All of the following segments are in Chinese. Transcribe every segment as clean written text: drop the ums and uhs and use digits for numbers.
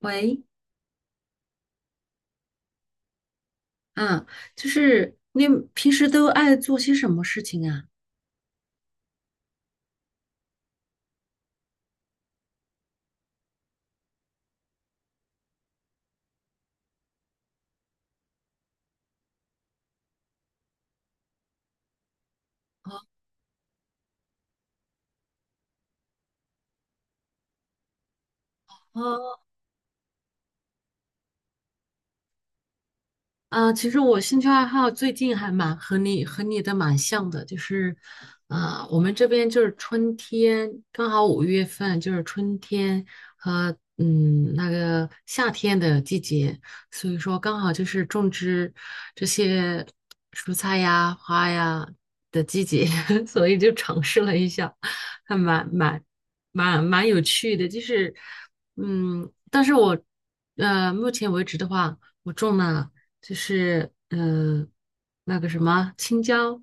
喂，啊，就是你平时都爱做些什么事情啊？哦，其实我兴趣爱好最近还蛮和你的蛮像的，就是，啊，我们这边就是春天，刚好五月份就是春天和那个夏天的季节，所以说刚好就是种植这些蔬菜呀、花呀的季节，所以就尝试了一下，还蛮蛮有趣的，就是但是我目前为止的话，我种了。就是那个什么青椒，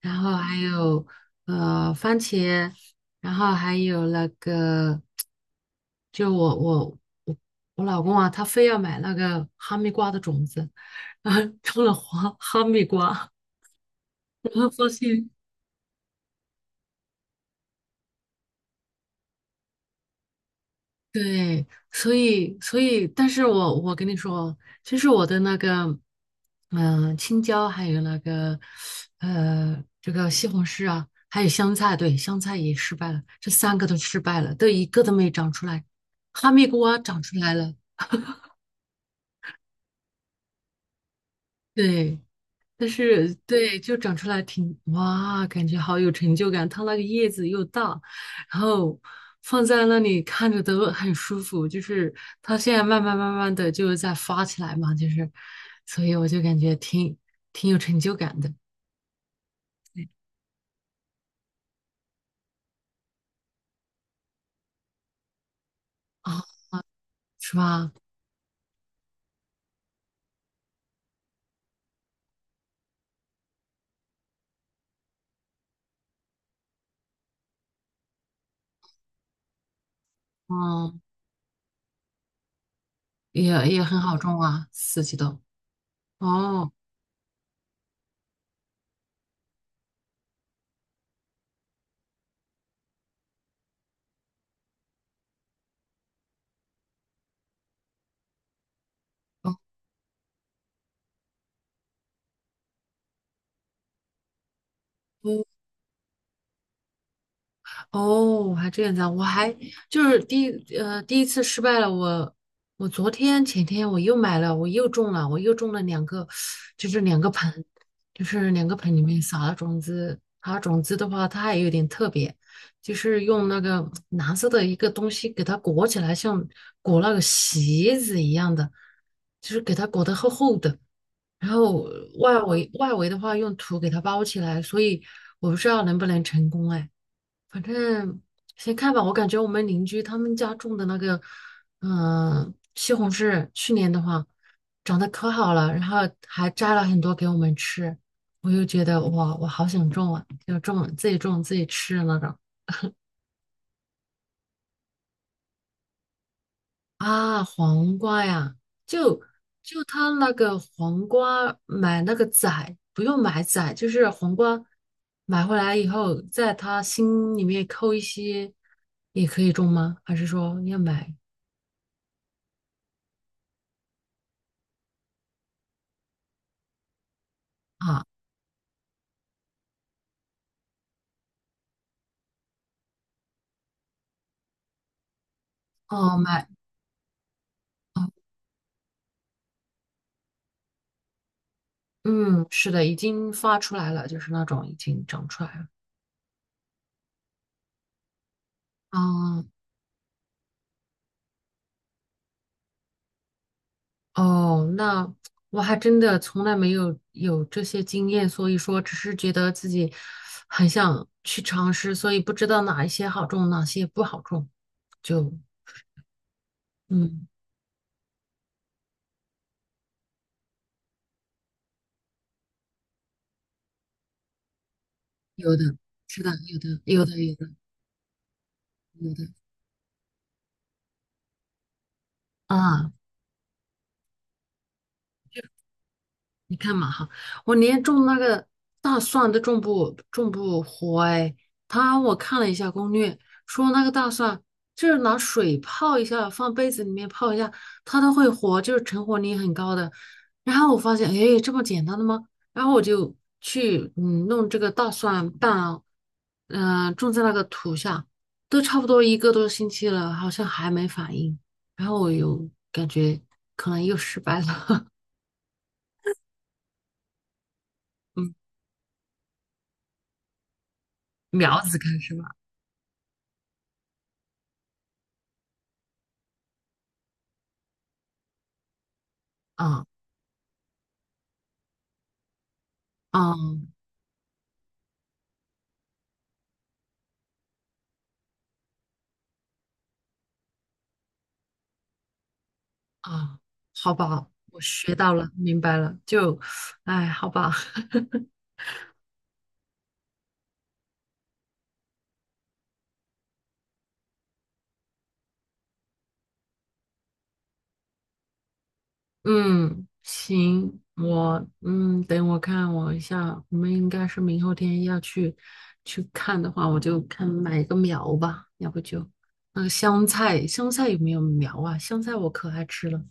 然后还有番茄，然后还有那个，就我我我我老公啊，他非要买那个哈密瓜的种子，然后种了花哈密瓜，然后发现对，所以，但是我跟你说，其实我的那个，嗯、青椒还有那个，呃，这个西红柿啊，还有香菜，对，香菜也失败了，这三个都失败了，都一个都没长出来，哈密瓜长出来了，对，但是对，就长出来挺哇，感觉好有成就感。它那个叶子又大，然后放在那里看着都很舒服。就是它现在慢慢的就在发起来嘛，就是，所以我就感觉挺有成就感的啊，是吧？嗯，也也很好种啊，四季豆。哦，哦，哦，还这样子啊！我还就是第一次失败了，我我昨天前天我又买了，我又中了，我又中了两个，就是两个盆，就是两个盆里面撒了种子。它种子的话，它还有点特别，就是用那个蓝色的一个东西给它裹起来，像裹那个席子一样的，就是给它裹得厚厚的。然后外围的话用土给它包起来，所以我不知道能不能成功哎。反正先看吧，我感觉我们邻居他们家种的那个，嗯、西红柿去年的话长得可好了，然后还摘了很多给我们吃，我又觉得哇，我好想种啊，就种自己种自己吃的那种啊，黄瓜呀，就就他那个黄瓜买那个仔，不用买仔，就是黄瓜买回来以后，在他心里面扣一些，也可以种吗？还是说要买？啊？哦，买，哦，嗯，是的，已经发出来了，就是那种已经长出来了。哦，哦，那我还真的从来没有这些经验，所以说只是觉得自己很想去尝试，所以不知道哪一些好种，哪些不好种，就嗯，有的，是的，有的，有的，有的，有的啊。你看嘛哈，我连种那个大蒜都种不活哎。他我看了一下攻略，说那个大蒜就是拿水泡一下，放杯子里面泡一下，它都会活，就是成活率很高的。然后我发现，哎，这么简单的吗？然后我就去弄这个大蒜瓣啊，嗯、种在那个土下，都差不多一个多星期了，好像还没反应。然后我又感觉可能又失败了，嗯，苗子开始。啊啊啊！好吧，我学到了，明白了，就，哎，好吧，嗯，行，我等我看我一下，我们应该是明后天要去去看的话，我就看买个苗吧，要不就那个香菜，香菜有没有苗啊？香菜我可爱吃了，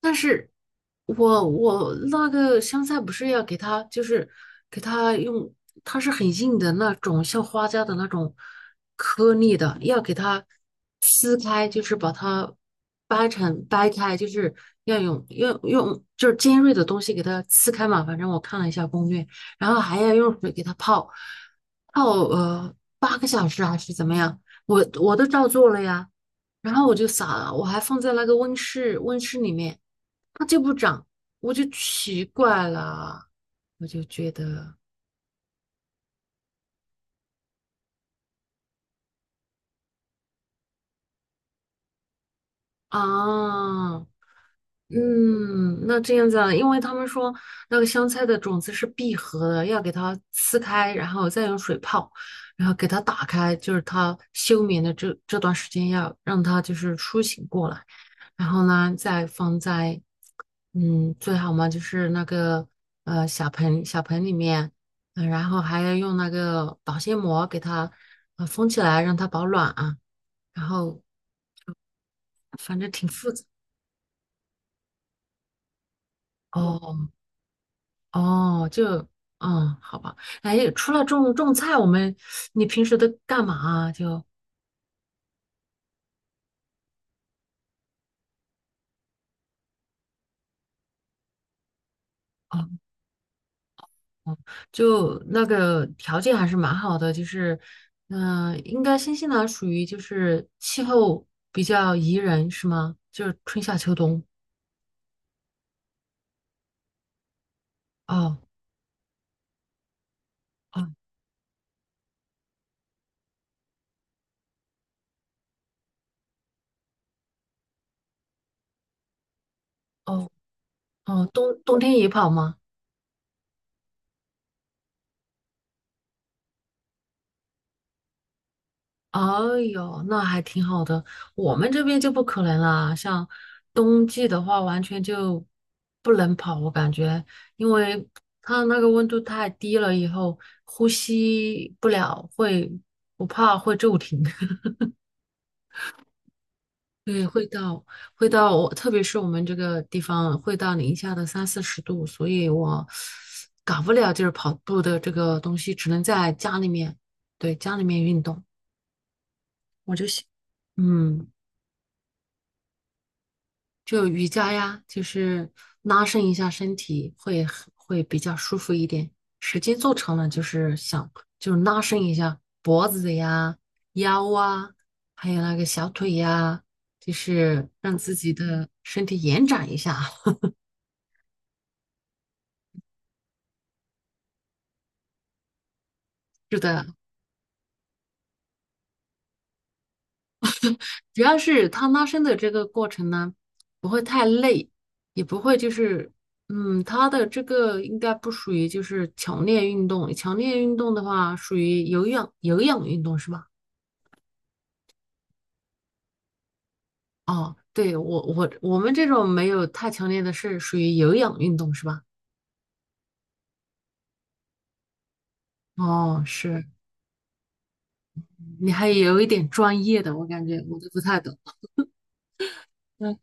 但是我那个香菜不是要给它，就是给它用，它是很硬的那种，像花椒的那种颗粒的，要给它撕开，就是把它掰开，就是要用就是尖锐的东西给它撕开嘛。反正我看了一下攻略，然后还要用水给它泡8个小时还是怎么样，我都照做了呀。然后我就撒了，我还放在那个温室里面。它就不长，我就奇怪了，我就觉得啊，嗯，那这样子啊，因为他们说那个香菜的种子是闭合的，要给它撕开，然后再用水泡，然后给它打开，就是它休眠的这段时间要让它就是苏醒过来，然后呢再放在嗯，最好嘛就是那个小盆里面，嗯、然后还要用那个保鲜膜给它封起来，让它保暖啊。然后反正挺复杂哦哦，就嗯好吧。哎，除了种种菜，你平时都干嘛啊？就哦哦，就那个条件还是蛮好的，就是应该新西兰属于就是气候比较宜人是吗？就是春夏秋冬哦。哦哦哦，冬天也跑吗？哎呦，那还挺好的。我们这边就不可能啦，像冬季的话，完全就不能跑，我感觉，因为它那个温度太低了，以后呼吸不了，我怕会骤停。对，会到，特别是我们这个地方会到零下的30到40度，所以我搞不了就是跑步的这个东西，只能在家里面，对，家里面运动。嗯，就瑜伽呀，就是拉伸一下身体，会比较舒服一点。时间做长了，就是想就是拉伸一下脖子呀、腰啊，还有那个小腿呀，就是让自己的身体延展一下。是的，主要是它拉伸的这个过程呢，不会太累，也不会就是，嗯，它的这个应该不属于就是强烈运动，强烈运动的话属于有氧运动是吧？哦，对，我们这种没有太强烈的是属于有氧运动是吧？哦，是，你还有一点专业的，我感觉我都不太懂。嗯，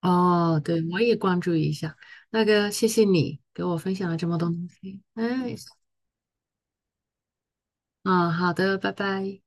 哦，对，我也关注一下。那个，谢谢你给我分享了这么多东西。哎，嗯，好的，拜拜。